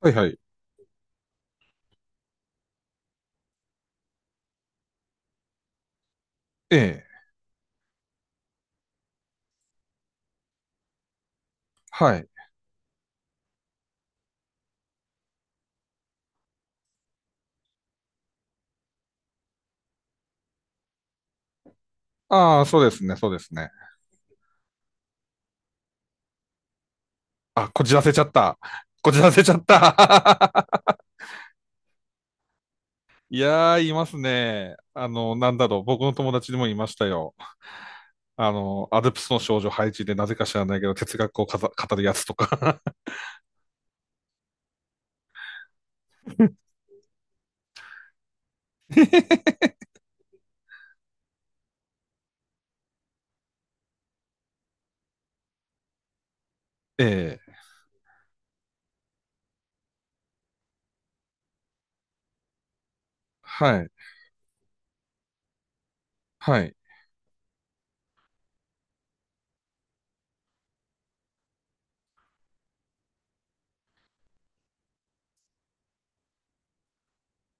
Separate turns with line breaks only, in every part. はいはい。ええ。はい。ああ、そうですね、そうですね。あ、こじらせちゃった。こじらせちゃった。いやー、いますね。なんだろう。僕の友達にもいましたよ。アルプスの少女配置でなぜか知らないけど、哲学を語るやつとか。 ええ。はい。はい。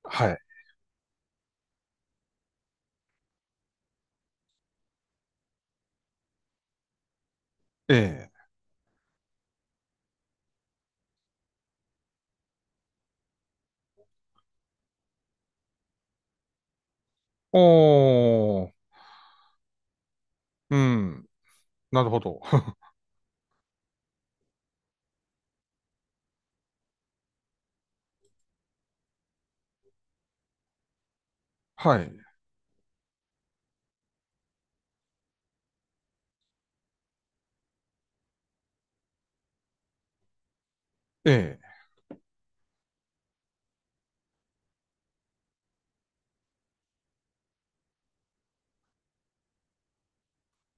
はい。ええ。おー。うん。なるほど。はい。ええ。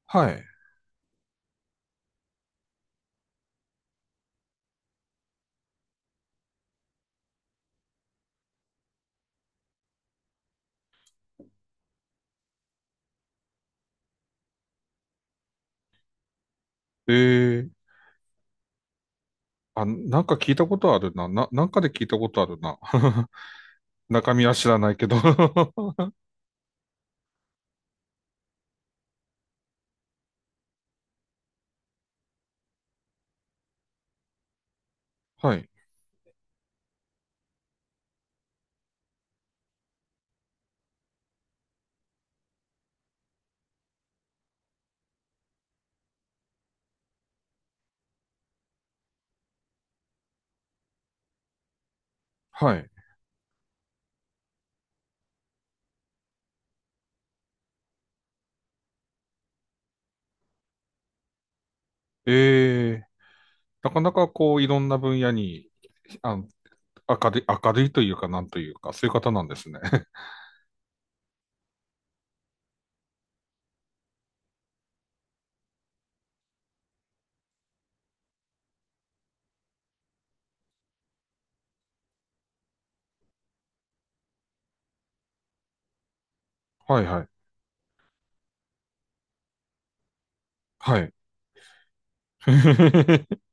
はい。ええ。あ、なんか聞いたことあるな。なんかで聞いたことあるな。中身は知らないけど。はい。はい。えー、なかなかこう、いろんな分野に、あの、明るい、明るいというか、なんというか、そういう方なんですね。はいはい。はい。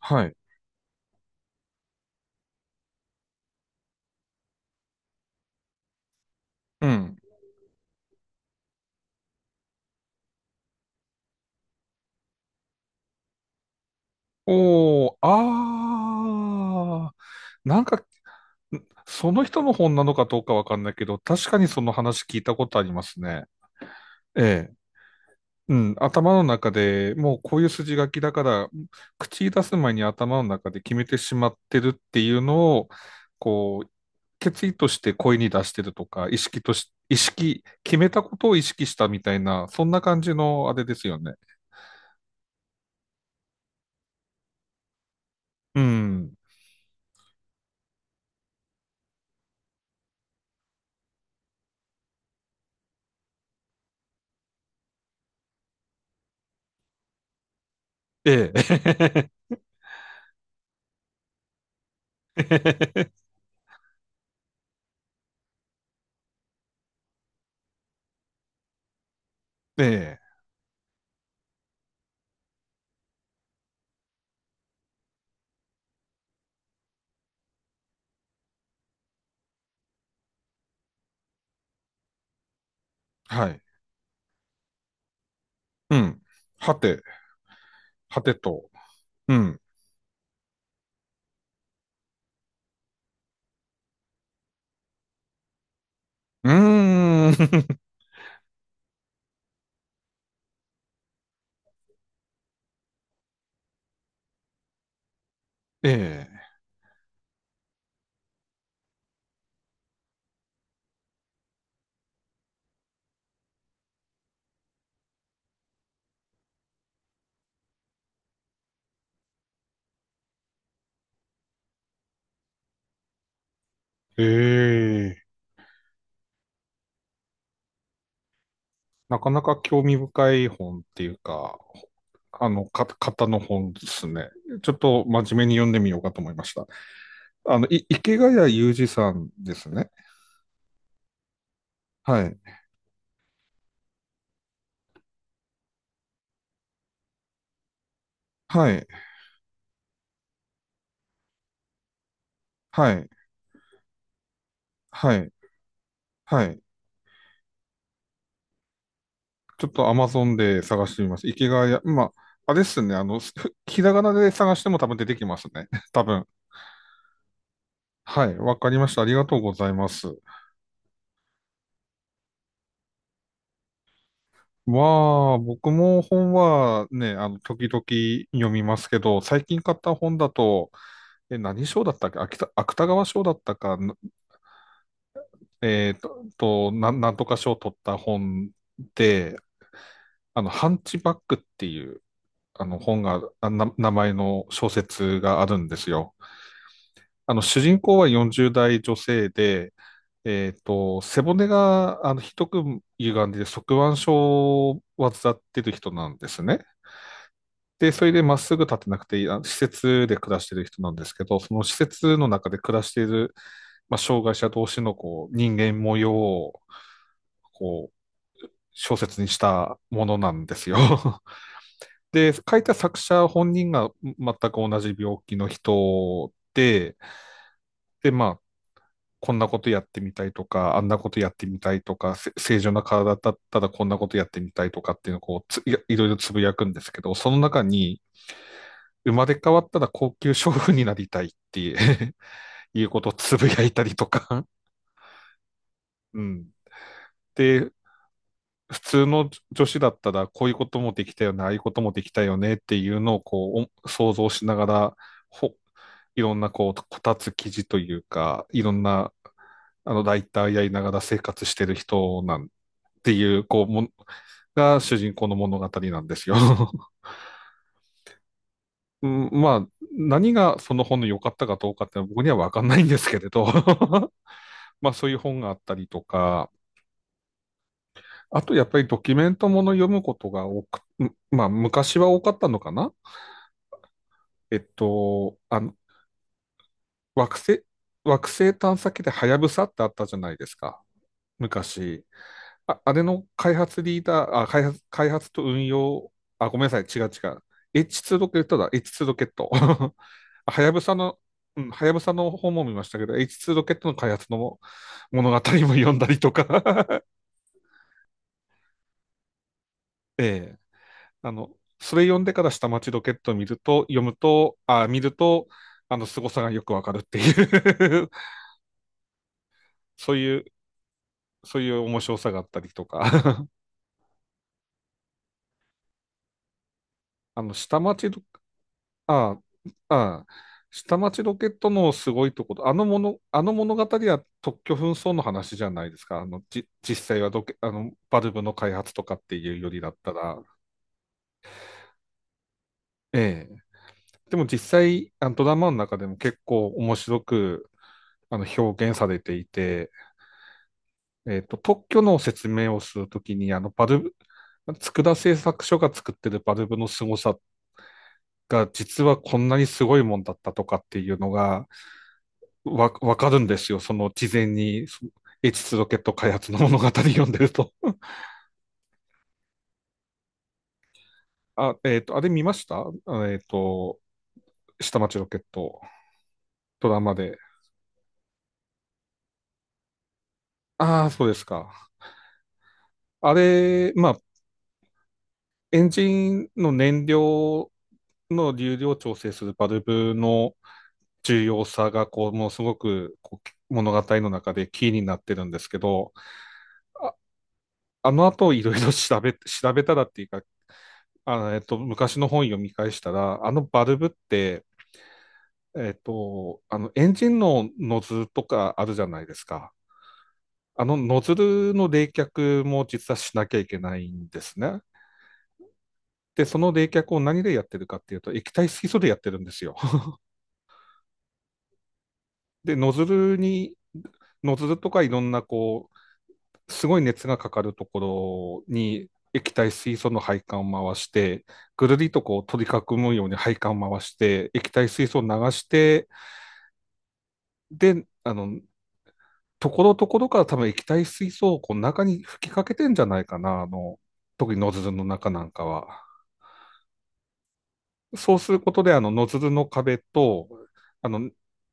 はい。うん。おー、あー、なんかその人の本なのかどうかわかんないけど、確かにその話聞いたことありますね。ええ。うん、頭の中でもうこういう筋書きだから、口に出す前に頭の中で決めてしまってるっていうのを、こう、決意として声に出してるとか、意識、決めたことを意識したみたいな、そんな感じのあれですよね。うん。ええ。ええ。はい。うん。はて、はてと。うん。うーん。ええ、ええ、なかなか興味深い本っていうか、あの、型の本ですね。ちょっと真面目に読んでみようかと思いました。あの、池谷裕二さんですね。はい。はい。はい。はい。はい。ちょっと Amazon で探してみます。池谷、まあ、あれですね。ひらがなで探しても多分出てきますね。多分。はい。わかりました。ありがとうございます。まあ、僕も本はね、時々読みますけど、最近買った本だと、え、何賞だったっけ、秋田芥川賞だったか、えっと、なんとか賞を取った本で、ハンチバックっていう、あの、本が、あな、名前の小説があるんですよ。あの、主人公は40代女性で、えっと、背骨が、あの、ひどく歪んで、側弯症を患ってる人なんですね。で、それでまっすぐ立てなくていい、あの施設で暮らしてる人なんですけど、その施設の中で暮らしている、まあ、障害者同士のこう人間模様をこう小説にしたものなんですよ。で、書いた作者本人が全く同じ病気の人で、で、まあ、こんなことやってみたいとか、あんなことやってみたいとか、正常な体だったらこんなことやってみたいとかっていうのをこうやいろいろつぶやくんですけど、その中に、生まれ変わったら高級娼婦になりたいっていう いうことをつぶやいたりとか。うん。で、普通の女子だったらこういうこともできたよね、ああいうこともできたよねっていうのをこう想像しながら、ほいろんなこう、こたつ記事というか、いろんなあのライターやりながら生活してる人なんていう、こう、もが主人公の物語なんですよ。うんまあ、何がその本の良かったかどうかって僕には分かんないんですけれど。まあそういう本があったりとか、あとやっぱりドキュメントもの読むことが多く、んまあ昔は多かったのかな。えっと、惑星、惑星探査機でハヤブサってあったじゃないですか、昔。あれの開発リーダー、あ、開発、開発と運用、あ、ごめんなさい、違う違う。H2 ロケットだ、H2 ロケット。はやぶさの、うん、はやぶさの本も見ましたけど、H2 ロケットの開発の 物語も読んだりとか。 ええ、あの、それ読んでから下町ロケットを見ると、あの、凄さがよくわかるっていう。 そういう、そういう面白さがあったりとか。 あの、下町ロ、あ、あ、下町ロケットのすごいところ、あのもの、あの物語は特許紛争の話じゃないですか。実際はロケ、あの、バルブの開発とかっていうよりだったら、ええ。でも実際、あのドラマの中でも結構面白く、あの、表現されていて、えっと、特許の説明をするときに、あの、バルブ、佃製作所が作ってるバルブの凄さが、実はこんなにすごいもんだったとかっていうのが、わかるんですよ。その事前に、 H2 ロケット開発の物語読んでると。 あ、えっと、あれ見ましたあえっと、下町ロケット、ドラマで。ああ、そうですか。あれ、まあ、エンジンの燃料の流量を調整するバルブの重要さが、こう、もうすごく、こう、物語の中でキーになってるんですけど、あ、あの後いろいろ調べたらっていうか、えっと、昔の本読み返したら、あのバルブって、えっと、あの、エンジンのノズルとかあるじゃないですか。あのノズルの冷却も実はしなきゃいけないんですね。で、その冷却を何でやってるかっていうと、液体水素でやってるんですよ。で、ノズルとかいろんなこすごい熱がかかるところに液体水素の配管を回して、ぐるりとこう取り囲むように配管を回して、液体水素を流して、で、あの、ところどころから多分液体水素をこう中に吹きかけてんじゃないかな、あの、特にノズルの中なんかは。そうすることで、あの、ノズルの壁と、あの、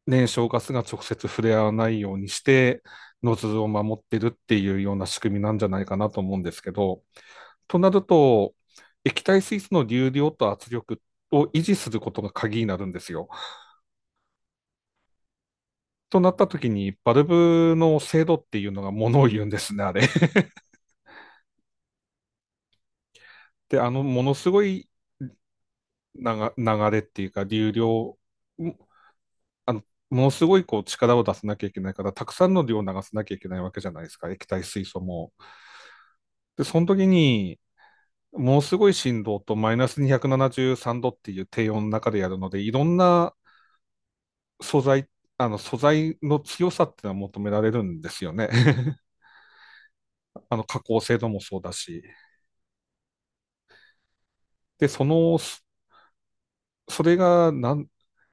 燃焼ガスが直接触れ合わないようにして、ノズルを守ってるっていうような仕組みなんじゃないかなと思うんですけど、となると、液体水素の流量と圧力を維持することが鍵になるんですよ。となった時に、バルブの精度っていうのがものを言うんですね、あれ。で、あの、ものすごい流れっていうか、流量、あのものすごいこう力を出さなきゃいけないから、たくさんの量を流さなきゃいけないわけじゃないですか、液体水素も。で、その時に、ものすごい振動とマイナス273度っていう低温の中でやるので、いろんな素材、あの素材の強さっていうのは求められるんですよね。あの加工精度もそうだし。で、それがなん、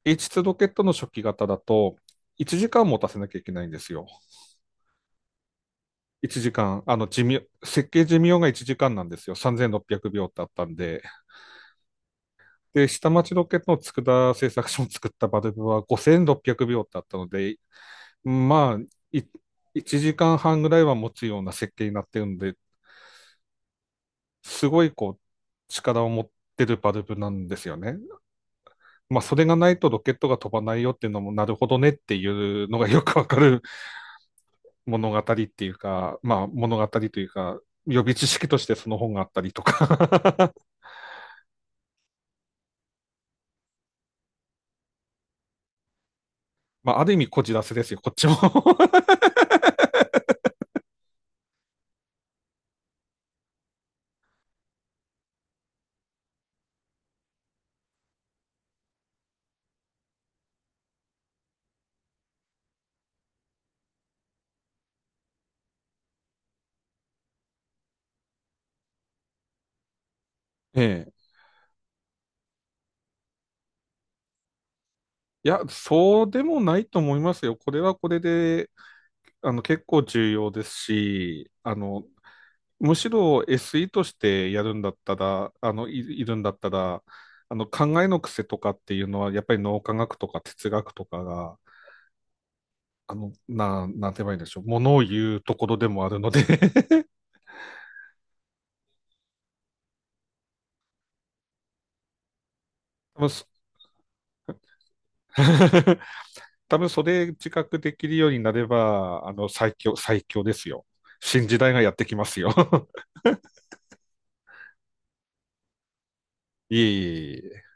H2 ロケットの初期型だと、1時間持たせなきゃいけないんですよ。1時間、あの寿命、設計寿命が1時間なんですよ。3600秒っぴゃくびょうってあったんで。で、下町ロケットの佃製作所を作ったバルブは5600秒っぴゃくびょうってあったので、まあ、い1時間半ぐらいは持つような設計になってるんで、すごいこう、力を持ってるバルブなんですよね。まあ、それがないとロケットが飛ばないよっていうのも、なるほどねっていうのがよくわかる物語っていうか、まあ、物語というか、予備知識としてその本があったりとか。 まあ、ある意味こじらせですよ、こっちも。 ええ。いや、そうでもないと思いますよ。これはこれで、あの、結構重要ですし、あの、むしろ SE としてやるんだったら、いるんだったら、あの、考えの癖とかっていうのは、やっぱり脳科学とか哲学とかが、あの、なんて言えばいいんでしょう。ものを言うところでもあるので。 多分そ、多分それ自覚できるようになれば、あの、最強ですよ。新時代がやってきますよ。いえいえいえ。